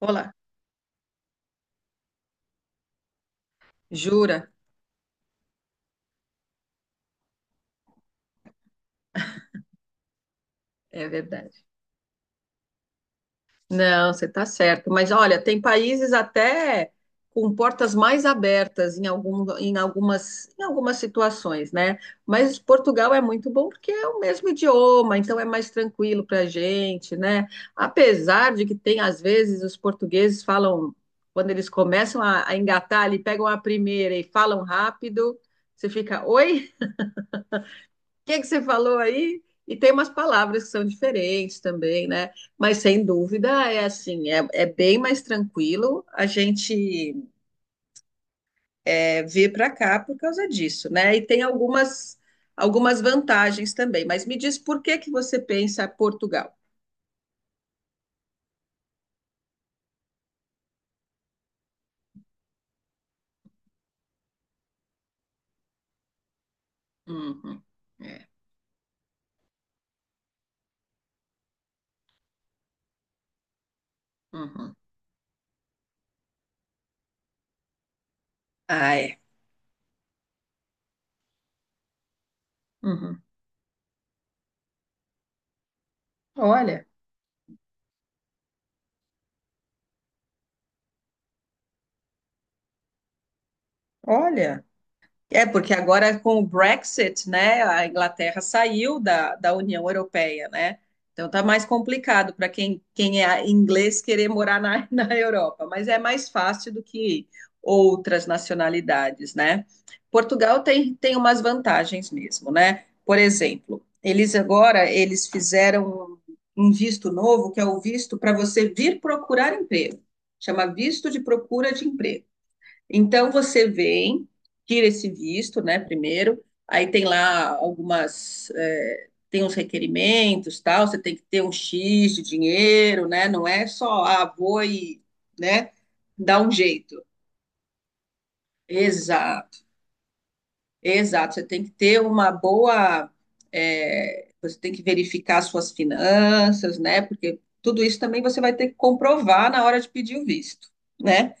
Olá, jura? É verdade. Não, você está certo. Mas olha, tem países até com portas mais abertas em algumas situações, né? Mas Portugal é muito bom porque é o mesmo idioma, então é mais tranquilo para a gente, né? Apesar de que tem, às vezes, os portugueses falam, quando eles começam a engatar ali, pegam a primeira e falam rápido, você fica, oi? Que você falou aí? E tem umas palavras que são diferentes também, né? Mas sem dúvida é assim, é bem mais tranquilo a gente vir para cá por causa disso, né? E tem algumas vantagens também. Mas me diz por que que você pensa Portugal? Uhum, é, uhum. Ah, é. Uhum. Olha, olha. É, porque agora com o Brexit, né, a Inglaterra saiu da União Europeia, né? Então tá mais complicado para quem é inglês querer morar na, na Europa, mas é mais fácil do que outras nacionalidades, né? Portugal tem umas vantagens mesmo, né? Por exemplo, eles agora eles fizeram um um visto novo, que é o visto para você vir procurar emprego. Chama visto de procura de emprego. Então você vem, tira esse visto, né, primeiro, aí tem lá tem uns requerimentos, tal, você tem que ter um X de dinheiro, né, não é só, vou e, né, dá um jeito. Exato, exato, você tem que ter uma boa, eh, você tem que verificar suas finanças, né, porque tudo isso também você vai ter que comprovar na hora de pedir o visto, né?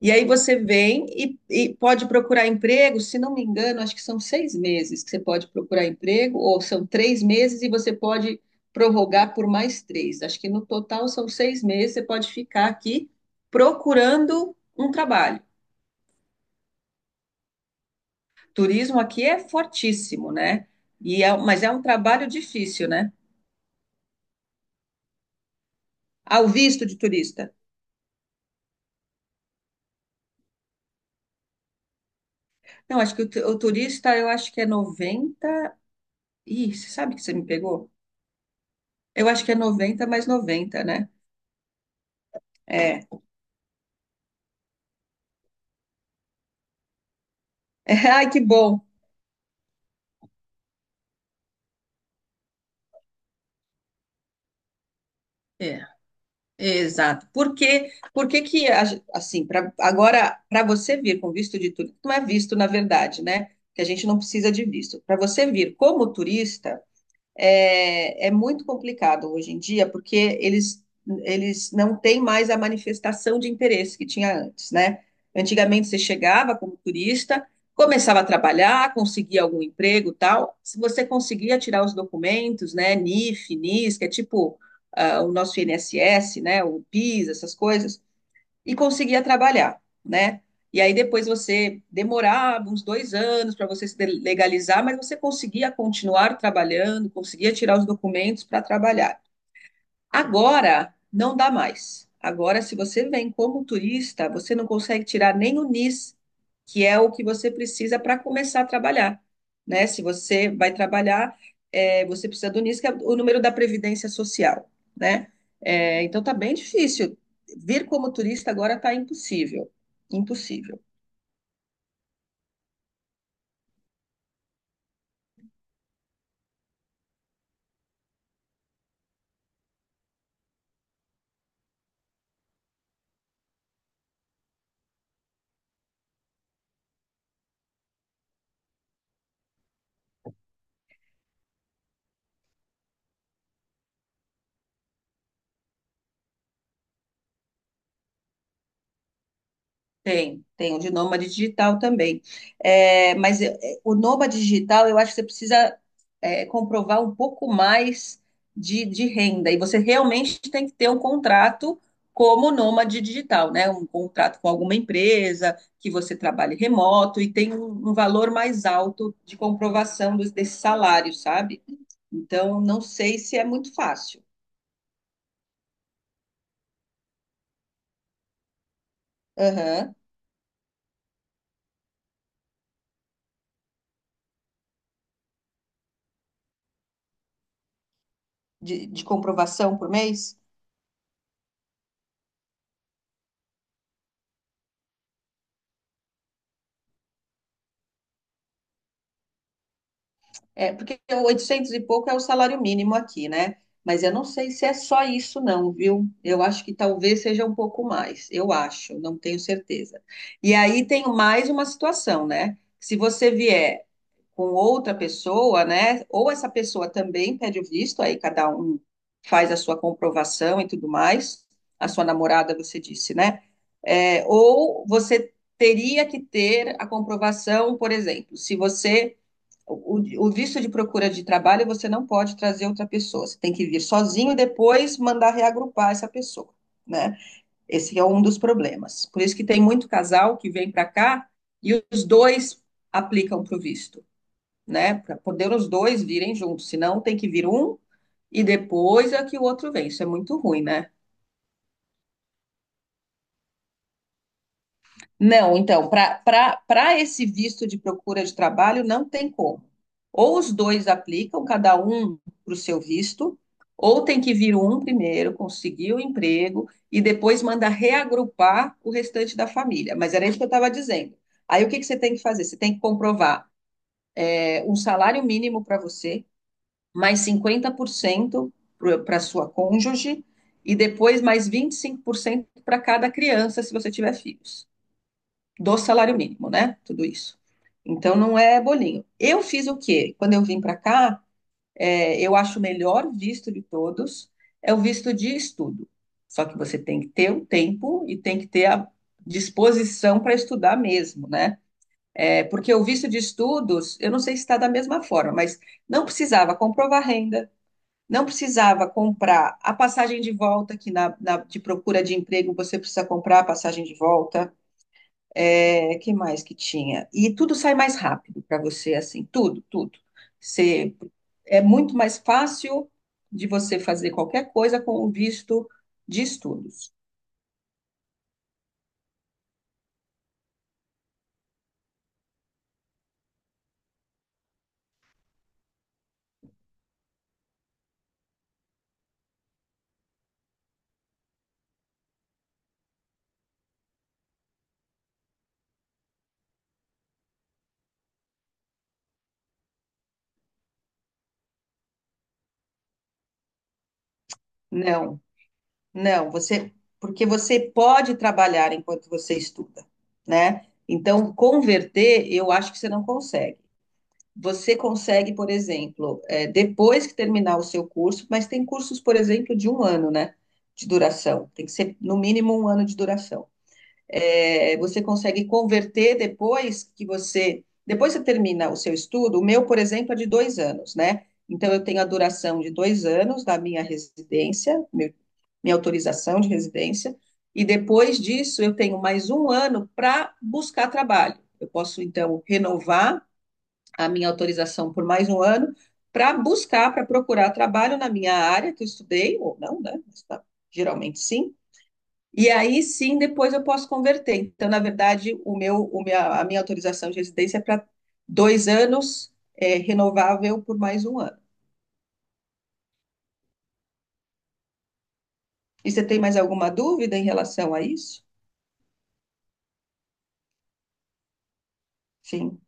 E aí você vem e pode procurar emprego, se não me engano, acho que são 6 meses que você pode procurar emprego, ou são 3 meses e você pode prorrogar por mais três. Acho que no total são 6 meses, você pode ficar aqui procurando um trabalho. Turismo aqui é fortíssimo, né? Mas é um trabalho difícil, né? Ah, o visto de turista. Não, acho que o turista, eu acho que é 90. Ih, você sabe que você me pegou? Eu acho que é 90 mais 90, né? É. Ai, que bom. É, é, exato. Porque que, a ge- assim, pra, agora, para você vir com visto de turista, não é visto, na verdade, né? Que a gente não precisa de visto. Para você vir como turista, é muito complicado hoje em dia, porque eles não têm mais a manifestação de interesse que tinha antes, né? Antigamente você chegava como turista, começava a trabalhar, conseguia algum emprego, tal. Se você conseguia tirar os documentos, né, NIF, NIS, que é tipo o nosso INSS, né, o PIS, essas coisas, e conseguia trabalhar, né? E aí depois você demorava uns dois anos para você se legalizar, mas você conseguia continuar trabalhando, conseguia tirar os documentos para trabalhar. Agora não dá mais. Agora, se você vem como turista, você não consegue tirar nem o NIS, que é o que você precisa para começar a trabalhar, né? Se você vai trabalhar, você precisa do NIS, que é o número da Previdência Social, né? Então tá bem difícil. Vir como turista agora tá impossível, impossível. Tem o de nômade digital também. É, mas o nômade digital, eu acho que você precisa comprovar um pouco mais de renda. E você realmente tem que ter um contrato como nômade digital, né? Um contrato com alguma empresa, que você trabalhe remoto e tem um valor mais alto de comprovação desse salário, sabe? Então, não sei se é muito fácil. Aham. De comprovação por mês? É, porque o 800 e pouco é o salário mínimo aqui, né? Mas eu não sei se é só isso, não, viu? Eu acho que talvez seja um pouco mais. Eu acho, não tenho certeza. E aí tem mais uma situação, né? Se você vier com outra pessoa, né? Ou essa pessoa também pede o visto, aí cada um faz a sua comprovação e tudo mais. A sua namorada, você disse, né? É, ou você teria que ter a comprovação, por exemplo, se você o visto de procura de trabalho, você não pode trazer outra pessoa. Você tem que vir sozinho e depois mandar reagrupar essa pessoa, né? Esse é um dos problemas. Por isso que tem muito casal que vem para cá e os dois aplicam para o visto, né? Para poder os dois virem juntos. Senão tem que vir um e depois é que o outro vem. Isso é muito ruim, né? Não, então, para esse visto de procura de trabalho, não tem como. Ou os dois aplicam, cada um para o seu visto, ou tem que vir um primeiro, conseguir o emprego, e depois manda reagrupar o restante da família. Mas era isso que eu estava dizendo. Aí o que que você tem que fazer? Você tem que comprovar é, um salário mínimo para você, mais 50% para sua cônjuge, e depois mais 25% para cada criança, se você tiver filhos do salário mínimo, né? Tudo isso. Então não é bolinho. Eu fiz o quê? Quando eu vim para cá, é, eu acho o melhor visto de todos é o visto de estudo. Só que você tem que ter o tempo e tem que ter a disposição para estudar mesmo, né? É, porque o visto de estudos, eu não sei se está da mesma forma, mas não precisava comprovar renda, não precisava comprar a passagem de volta, que na, na- de procura de emprego você precisa comprar a passagem de volta, é, que mais que tinha? E tudo sai mais rápido para você, assim, tudo, tudo. Você, é muito mais fácil de você fazer qualquer coisa com o visto de estudos. Não, não, você, porque você pode trabalhar enquanto você estuda, né? Então, converter, eu acho que você não consegue. Você consegue, por exemplo, é, depois que terminar o seu curso, mas tem cursos, por exemplo, de um ano, né? De duração. Tem que ser no mínimo um ano de duração. É, você consegue converter depois que você termina o seu estudo, o meu, por exemplo, é de 2 anos, né? Então, eu tenho a duração de 2 anos da minha residência, meu, minha autorização de residência, e depois disso eu tenho mais um ano para buscar trabalho. Eu posso, então, renovar a minha autorização por mais um ano para buscar, para procurar trabalho na minha área que eu estudei, ou não, né? Mas, tá, geralmente sim, e aí sim, depois eu posso converter. Então, na verdade, o meu, a minha autorização de residência é para 2 anos, é, renovável por mais um ano. E você tem mais alguma dúvida em relação a isso? Sim.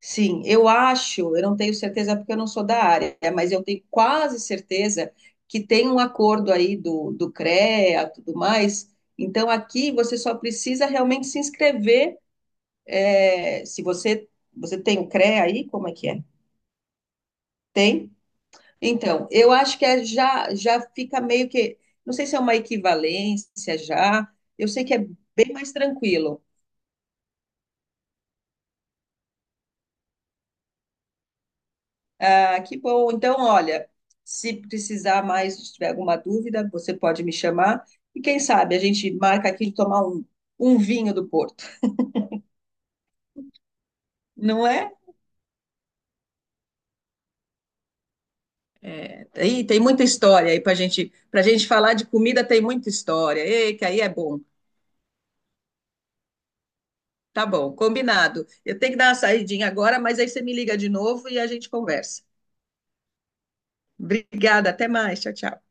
Sim, eu acho, eu não tenho certeza porque eu não sou da área, mas eu tenho quase certeza que tem um acordo aí do CREA, e tudo mais. Então, aqui você só precisa realmente se inscrever. Se você tem o CREA aí, como é que é? Tem? Então, eu acho que é já, já fica meio que. Não sei se é uma equivalência já. Eu sei que é bem mais tranquilo. Ah, que bom. Então, olha, se precisar mais, se tiver alguma dúvida, você pode me chamar. E quem sabe a gente marca aqui de tomar um vinho do Porto, não é? Aí tem muita história aí para gente falar de comida, tem muita história. Ei, que aí é bom. Tá bom, combinado. Eu tenho que dar uma saidinha agora, mas aí você me liga de novo e a gente conversa. Obrigada, até mais. Tchau, tchau.